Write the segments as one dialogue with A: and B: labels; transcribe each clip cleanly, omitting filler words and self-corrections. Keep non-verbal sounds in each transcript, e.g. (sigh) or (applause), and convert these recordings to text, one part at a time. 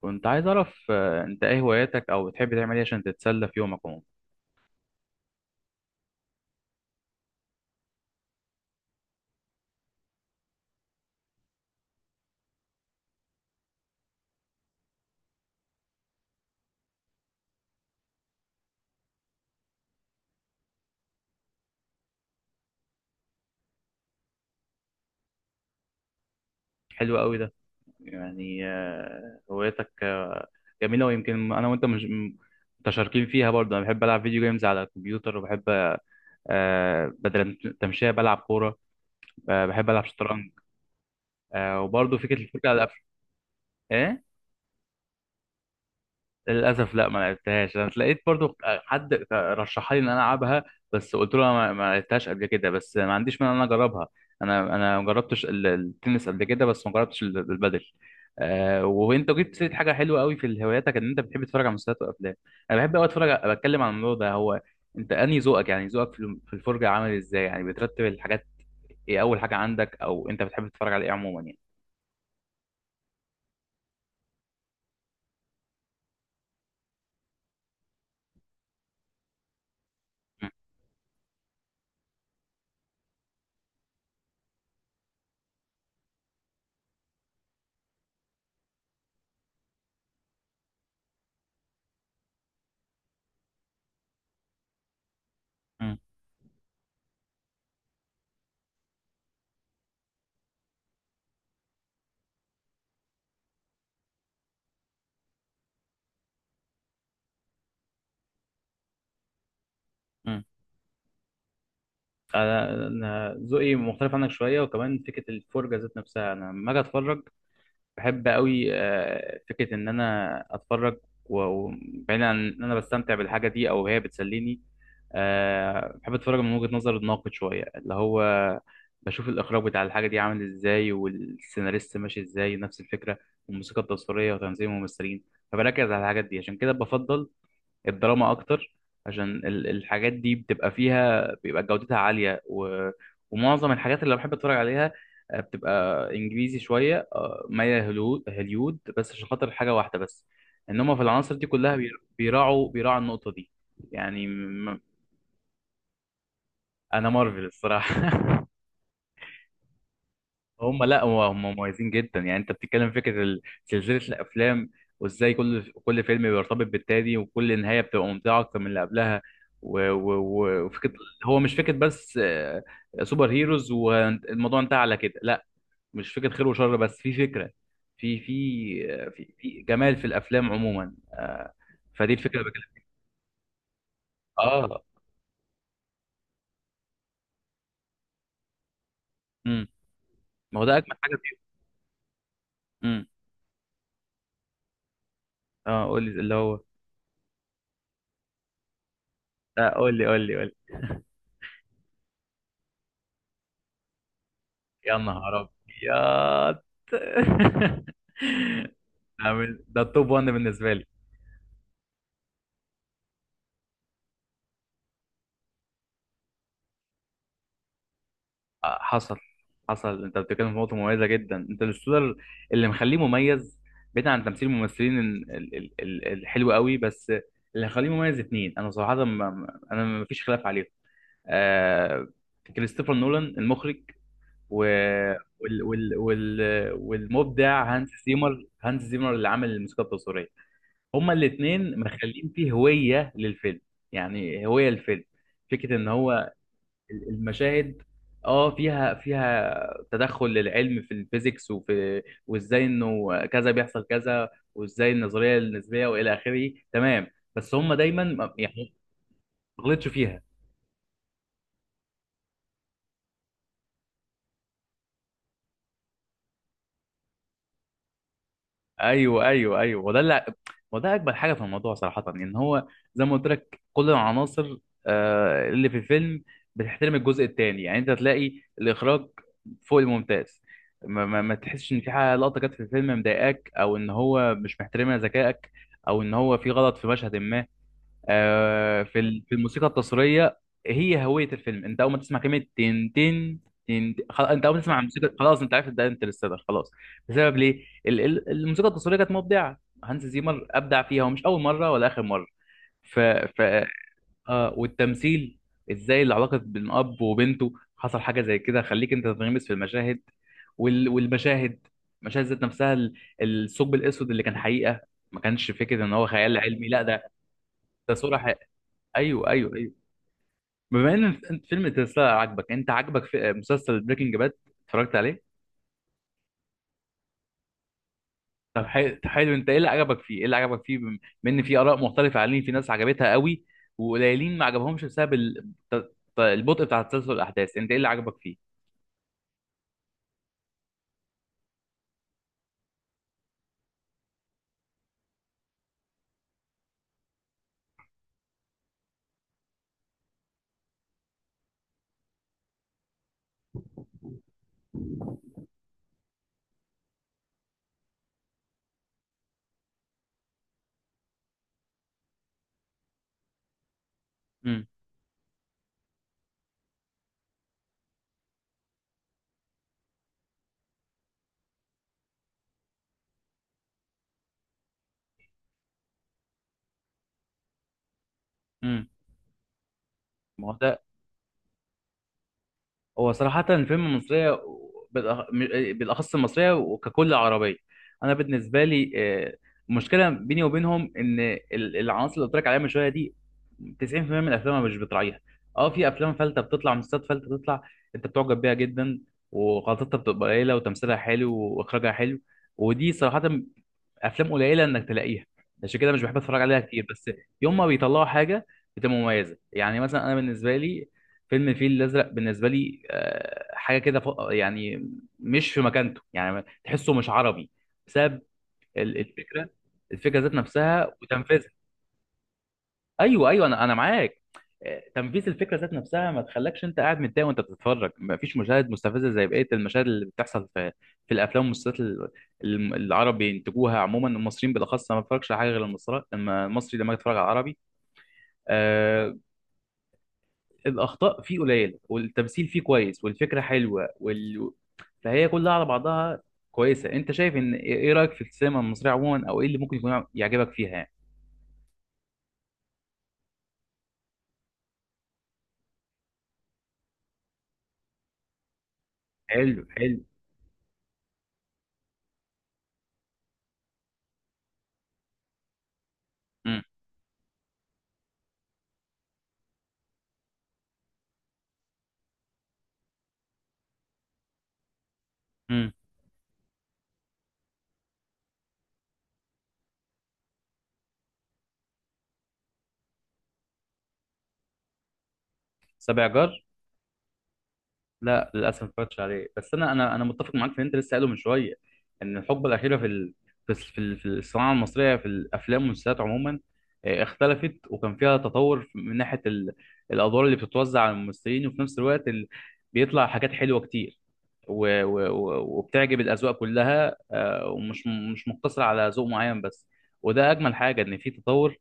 A: كنت عايز اعرف انت ايه هواياتك او بتحب تعمل ايه عشان تتسلى في يومك عموما؟ حلو قوي ده. يعني هواياتك جميله. ويمكن انا وانت مش متشاركين فيها برضه. انا بحب العب فيديو جيمز على الكمبيوتر، وبحب بدل التمشيه بلعب كوره. بحب العب شطرنج. وبرضه فكره الفرجه على الافلام. ايه؟ للاسف لا، ما لعبتهاش. انا اتلاقيت برضو حد رشحها لي ان انا العبها، بس قلت له أنا ما لعبتهاش قبل كده، بس ما عنديش مانع ان انا اجربها. انا ما جربتش التنس قبل كده، بس ما جربتش البادل. وانت جبت سيره حاجه حلوه قوي في هواياتك، ان انت بتحب تتفرج على مسلسلات وافلام. انا بحب قوي اتفرج بتكلم عن الموضوع ده. هو انت انهي ذوقك؟ يعني ذوقك في في الفرجه عامل ازاي؟ يعني بترتب الحاجات، ايه اول حاجه عندك؟ او انت بتحب تتفرج على ايه عموما يعني؟ م- م- انا ذوقي مختلف عنك شويه، وكمان فكره الفرجه ذات نفسها. انا لما اجي اتفرج بحب قوي فكره ان انا اتفرج، و- وبعيد عن ان انا بستمتع بالحاجه دي او هي بتسليني، بحب اتفرج من وجهه نظر الناقد شويه، اللي هو بشوف الاخراج بتاع الحاجه دي عامل ازاي، والسيناريست ماشي ازاي، نفس الفكره والموسيقى التصويريه وتنظيم الممثلين. فبركز على الحاجات دي، عشان كده بفضل الدراما اكتر، عشان الحاجات دي بتبقى فيها، بيبقى جودتها عالية. و... ومعظم الحاجات اللي بحب اتفرج عليها بتبقى انجليزي شوية، مايلة هوليود، بس عشان خاطر حاجة واحدة بس، ان هم في العناصر دي كلها بيراعوا النقطة دي. يعني انا مارفل الصراحة. (laughs) لا، هم مميزين جدا. يعني انت بتتكلم فكره سلسله الافلام، وازاي كل فيلم بيرتبط بالتاني، وكل نهايه بتبقى ممتعه اكتر من اللي قبلها، و- و- و- وفكره، هو مش فكره بس سوبر هيروز والموضوع انتهى على كده، لا. مش فكره خير وشر بس، في فكره، في جمال في الافلام عموما. فدي الفكره اللي بكلم. اه. امم. ما هو ده اجمل حاجه فيه. امم. اه، قول لي اللي هو. اه، قول لي، قول لي، قول لي. يا نهار ابيض! (laughs) ده التوب 1 بالنسبه لي. حصل، انت بتتكلم في نقطه مميزه جدا، انت الستودر اللي مخليه مميز، بعيد عن تمثيل الممثلين الحلو قوي. بس اللي مخليه مميز اتنين، انا صراحه انا ما فيش خلاف عليهم. آه كريستوفر نولان المخرج، و وال وال وال والمبدع هانس زيمر، اللي عامل الموسيقى التصويريه. هما الاثنين مخلين فيه هوية للفيلم، يعني هوية الفيلم. فكرة ان هو المشاهد، اه، فيها تدخل للعلم في الفيزيكس، وفي وازاي انه كذا بيحصل كذا، وازاي النظرية النسبية والى اخره. تمام. بس هما دايما يعني ما غلطش فيها. ايوه، ايوه، ايوه، وده اكبر حاجه في الموضوع صراحه. ان هو زي ما قلت لك، كل العناصر اللي في الفيلم بتحترم الجزء التاني. يعني انت تلاقي الاخراج فوق الممتاز. ما تحسش ان في حاجه، لقطه جت في الفيلم مضايقاك، او ان هو مش محترمها ذكائك، او ان هو في غلط في مشهد ما. في في الموسيقى التصويريه، هي هويه الفيلم. انت اول ما تسمع كلمه تن تن تن تن- خلاص، انت اول ما تسمع الموسيقى خلاص، انت عارف ده انترستيلر، خلاص. بسبب ليه؟ الموسيقى التصويريه كانت مبدعه. هانز زيمر ابدع فيها ومش اول مره ولا اخر مره. ف ف آه والتمثيل، ازاي العلاقه بين اب وبنته حصل حاجه زي كده، خليك انت تنغمس في المشاهد. وال... والمشاهد، المشاهد ذات نفسها، الثقب الاسود اللي كان حقيقه، ما كانش فكره ان هو خيال علمي، لا، ده صوره. ايوه، ايوه، ايوه. بما ان انت فيلم تسلا عجبك، انت عجبك في مسلسل بريكنج باد؟ اتفرجت عليه؟ طب حلو. انت ايه اللي عجبك فيه؟ بما ان في اراء مختلفه عليه، في ناس عجبتها قوي، وقليلين ما عجبهمش بسبب البطء بتاع تسلسل الاحداث. انت ايه اللي عجبك فيه؟ امم. امم. هو صراحة الفيلم المصرية، بالأخص المصرية، وككل عربية، أنا بالنسبة لي المشكلة بيني وبينهم إن العناصر اللي قلت لك عليها من شوية دي، 90% من الأفلام أنا مش بتراعيها. أه، في أفلام فلتة بتطلع، مسلسلات فلتة بتطلع، أنت بتعجب بيها جدا، وغلطتها بتبقى قليلة، وتمثيلها حلو، وإخراجها حلو. ودي صراحة افلام قليله انك تلاقيها، عشان كده مش بحب اتفرج عليها كتير، بس يوم ما بيطلعوا حاجه بتبقى مميزه. يعني مثلا انا بالنسبه لي، فيلم الفيل الازرق بالنسبه لي حاجه كده يعني مش في مكانته، يعني تحسه مش عربي، بسبب ال- الفكره الفكره ذات نفسها وتنفيذها. ايوه، ايوه، انا معاك. تنفيذ الفكره ذات نفسها ما تخلكش انت قاعد متضايق وانت بتتفرج. ما فيش مشاهد مستفزه زي بقيه المشاهد اللي بتحصل في الافلام والمسلسلات العرب بينتجوها عموما، المصريين بالاخص. أنا ما بتفرجش على حاجه غير المصري، لما المصري، لما اتفرج على العربي، آه الاخطاء فيه قليله، والتمثيل فيه كويس، والفكره حلوه، فهي كلها على بعضها كويسه. انت شايف ان ايه إيه رايك في السينما المصريه عموما؟ او ايه اللي ممكن يكون يعجبك فيها يعني؟ حلو، حلو. امم. امم. سبع جار؟ لا، للاسف ما اتفرجتش عليه، بس انا متفق معاك في اللي انت لسه قايله من شويه، ان الحقبه الاخيره في ال... في الس- في ال- في الصناعه المصريه، في الافلام والمسلسلات عموما، اختلفت، وكان فيها تطور من ناحيه الادوار اللي بتتوزع على الممثلين، وفي نفس الوقت بيطلع حاجات حلوه كتير، و... و... و- وبتعجب الاذواق كلها، ومش مش مقتصره على ذوق معين بس. وده اجمل حاجه، ان في تطور.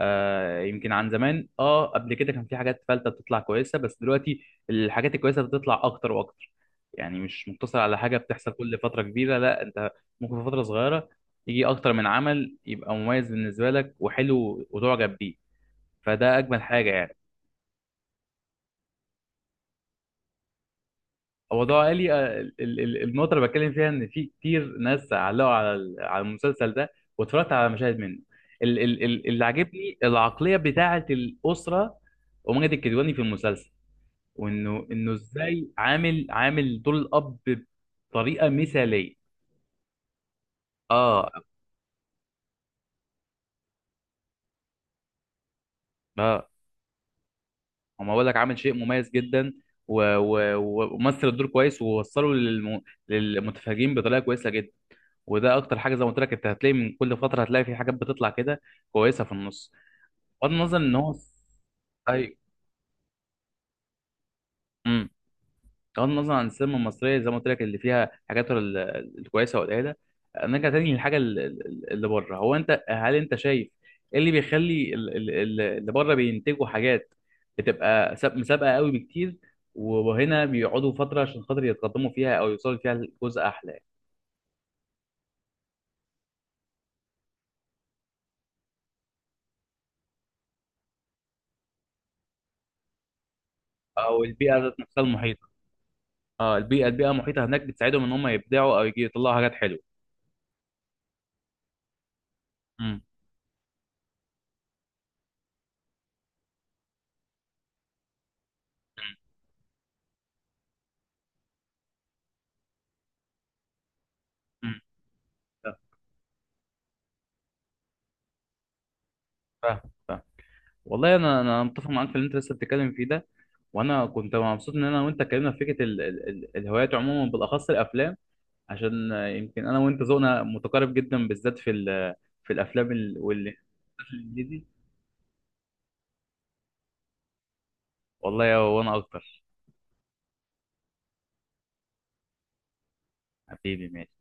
A: يمكن عن زمان، قبل كده كان في حاجات فلتة بتطلع كويسة، بس دلوقتي الحاجات الكويسه بتطلع اكتر واكتر. يعني مش مقتصر على حاجه بتحصل كل فتره كبيره، لا، انت ممكن في فتره صغيره يجي اكتر من عمل يبقى مميز بالنسبه لك وحلو وتعجب بيه. فده اجمل حاجه يعني. هو ده قالي النقطه اللي بتكلم فيها، ان في كتير ناس علقوا على المسلسل ده، واتفرجت على مشاهد منه. اللي عاجبني العقليه بتاعه الاسره، وماجد الكدواني في المسلسل، وانه ازاي عامل دور الاب بطريقه مثاليه. اه. اه. هم بقول لك، عامل شيء مميز جدا، و- و- و- ومثل الدور كويس، ووصله للمتفرجين بطريقه كويسه جدا. وده اكتر حاجه، زي ما قلت لك، انت هتلاقي من كل فتره، هتلاقي في حاجات بتطلع كده كويسه في النص، بغض النظر ان هو. ايوه. بغض النظر عن السينما المصريه، زي ما قلت لك، اللي فيها حاجات الكويسه والقليله، نرجع تاني للحاجه اللي بره. هو هل انت شايف ايه اللي بيخلي اللي بره بينتجوا حاجات بتبقى مسابقه قوي بكتير، وهنا بيقعدوا فتره عشان خاطر يتقدموا فيها او يوصلوا فيها لجزء احلى؟ او البيئه ذات نفسها المحيطه؟ اه، البيئه المحيطه هناك بتساعدهم ان هم يبدعوا او يجي يطلعوا حاجات حلوه. امم. امم. فاهم. فاهم. والله انا متفق معاك في اللي انت لسه بتتكلم فيه ده. وانا كنت مبسوط ان انا وانت اتكلمنا في فكره ال ال ال الهوايات عموما، بالاخص الافلام، عشان يمكن انا وانت ذوقنا متقارب جدا، بالذات في في الافلام والانتاج الانجليزي. والله وانا اكتر. حبيبي ماشي.